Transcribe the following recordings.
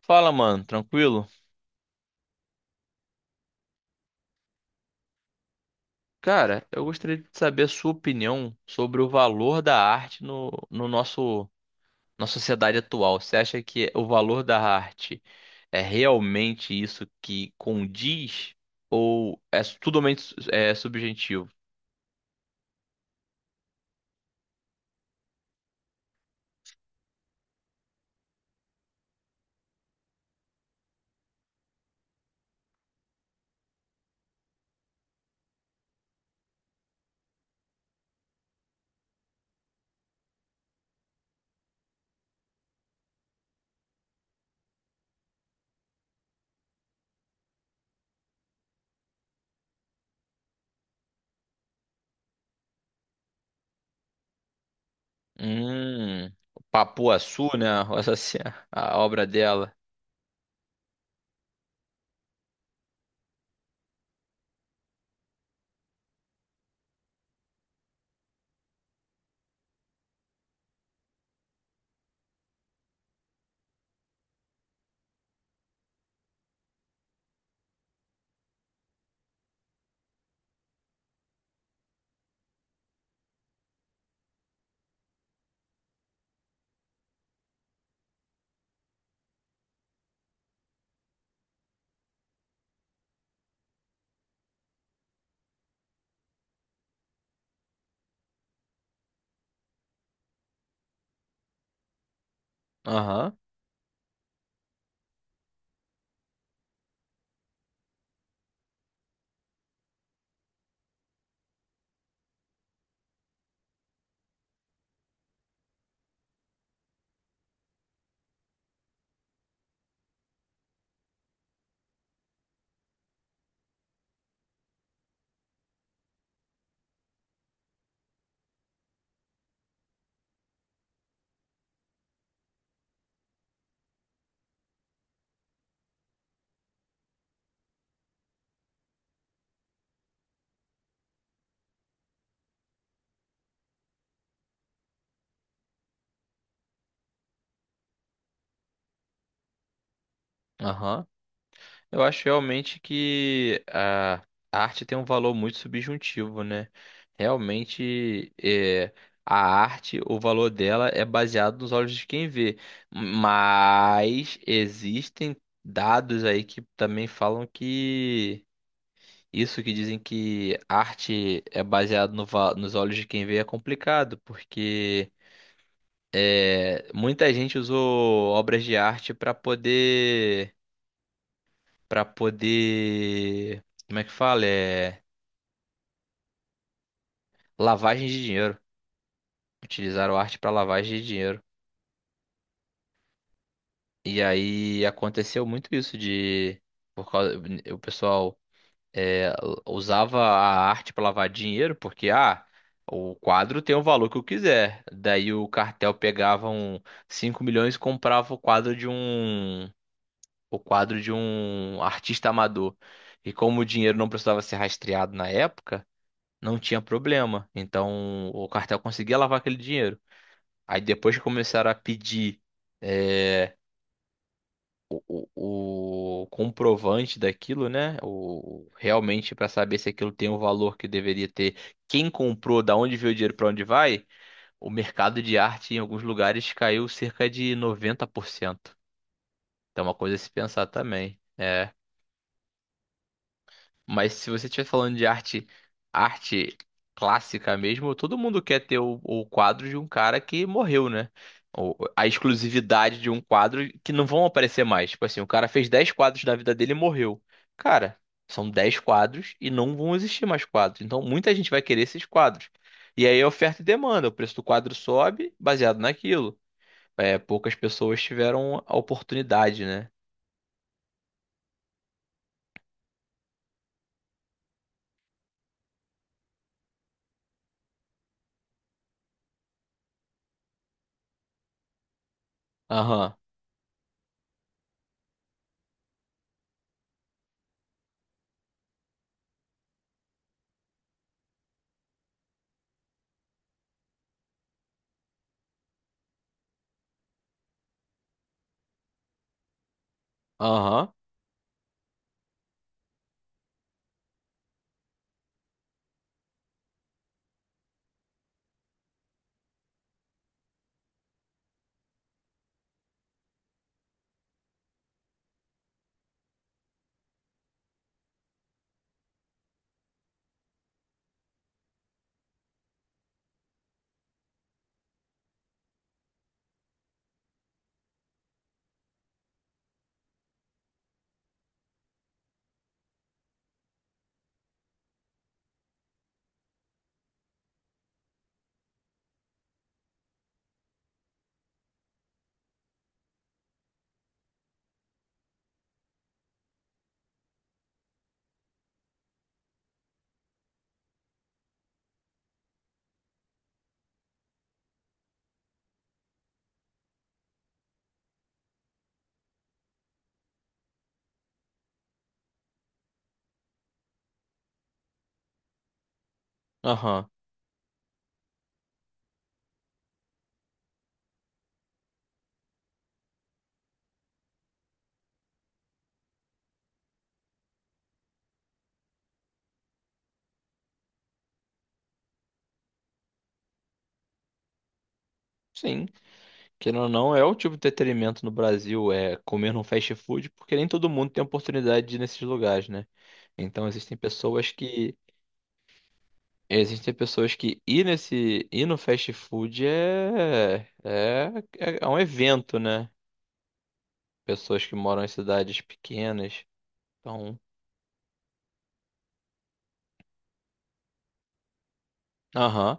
Fala, mano, tranquilo? Cara, eu gostaria de saber a sua opinião sobre o valor da arte no, no nosso, na sociedade atual. Você acha que o valor da arte é realmente isso que condiz ou é totalmente subjetivo? Hum. Papuaçu, né? Essa, a obra dela. Aham, aham. Eu acho realmente que a arte tem um valor muito subjuntivo, né? Realmente, a arte, o valor dela é baseado nos olhos de quem vê. Mas existem dados aí que também falam que isso que dizem que arte é baseado no va- nos olhos de quem vê é complicado, porque muita gente usou obras de arte para poder, como é que fala? É lavagem de dinheiro. Utilizaram arte para lavagem de dinheiro. E aí aconteceu muito isso de por causa o pessoal é, usava a arte para lavar dinheiro porque, ah, o quadro tem o valor que eu quiser. Daí o cartel pegava um 5 milhões e comprava o quadro de um artista amador. E como o dinheiro não precisava ser rastreado na época, não tinha problema. Então o cartel conseguia lavar aquele dinheiro. Aí depois que começaram a pedir é, o comprovante daquilo, né? Realmente para saber se aquilo tem o valor que deveria ter, quem comprou, da onde veio o dinheiro, para onde vai, o mercado de arte em alguns lugares caiu cerca de 90%. Então é uma coisa a se pensar também. Mas se você estiver falando de arte clássica mesmo, todo mundo quer ter o quadro de um cara que morreu, né? Ou a exclusividade de um quadro que não vão aparecer mais. Tipo assim, o cara fez 10 quadros da vida dele e morreu. Cara, são 10 quadros e não vão existir mais quadros. Então muita gente vai querer esses quadros. E aí é oferta e demanda, o preço do quadro sobe baseado naquilo. É, poucas pessoas tiveram a oportunidade, né? Aham, aham, aham. Sim. Querendo ou não, é o tipo de entretenimento no Brasil, é comer num fast food, porque nem todo mundo tem oportunidade de ir nesses lugares, né? Então existem pessoas que. Existem pessoas que ir nesse. Ir no fast food é um evento, né? Pessoas que moram em cidades pequenas. Então. Aham.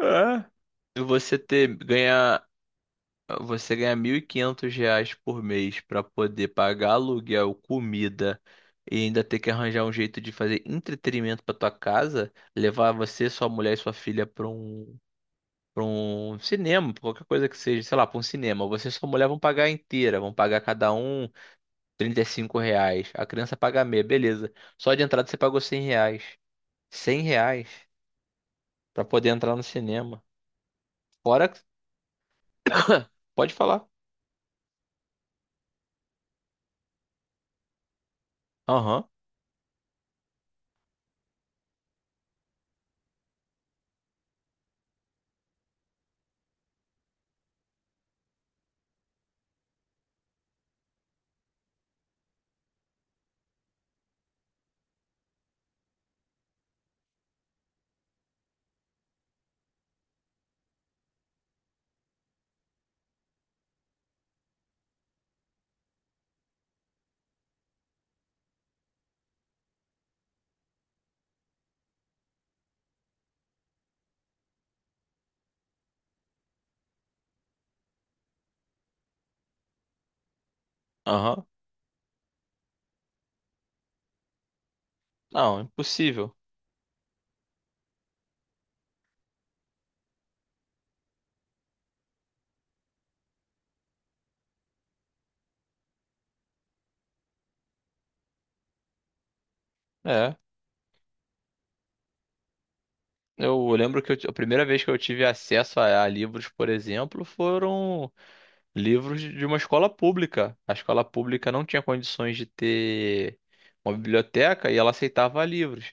É. E você ter, ganhar. Você ganha R$ 1.500 por mês para poder pagar aluguel, comida e ainda ter que arranjar um jeito de fazer entretenimento para tua casa, levar você, sua mulher e sua filha para um cinema, pra qualquer coisa que seja, sei lá, para um cinema. Você e sua mulher vão pagar inteira, vão pagar cada um R$ 35. A criança paga meia, beleza. Só de entrada você pagou R$ 100. R$ 100 para poder entrar no cinema. Fora, pode falar. Aham, aham. Não, impossível. É. Eu lembro que a primeira vez que eu tive acesso a livros, por exemplo, foram livros de uma escola pública. A escola pública não tinha condições de ter uma biblioteca e ela aceitava livros.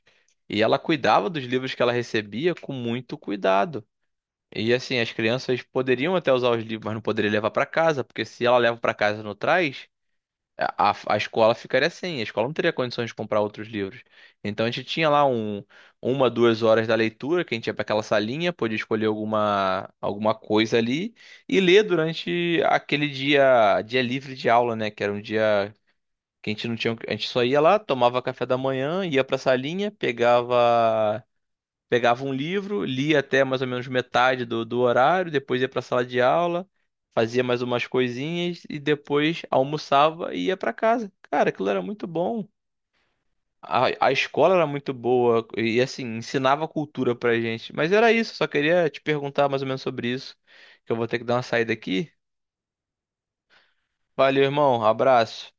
E ela cuidava dos livros que ela recebia com muito cuidado. E assim, as crianças poderiam até usar os livros, mas não poderiam levar para casa, porque se ela leva para casa e não traz, a escola ficaria sem, a escola não teria condições de comprar outros livros. Então a gente tinha lá 2 horas da leitura, que a gente ia para aquela salinha, podia escolher alguma coisa ali e ler durante aquele dia, dia livre de aula, né? Que era um dia que a gente não tinha, a gente só ia lá, tomava café da manhã, ia para a salinha, pegava pegava um livro, lia até mais ou menos metade do horário, depois ia para a sala de aula, fazia mais umas coisinhas e depois almoçava e ia para casa. Cara, aquilo era muito bom. A escola era muito boa e assim, ensinava cultura pra gente. Mas era isso, só queria te perguntar mais ou menos sobre isso, que eu vou ter que dar uma saída aqui. Valeu, irmão, abraço.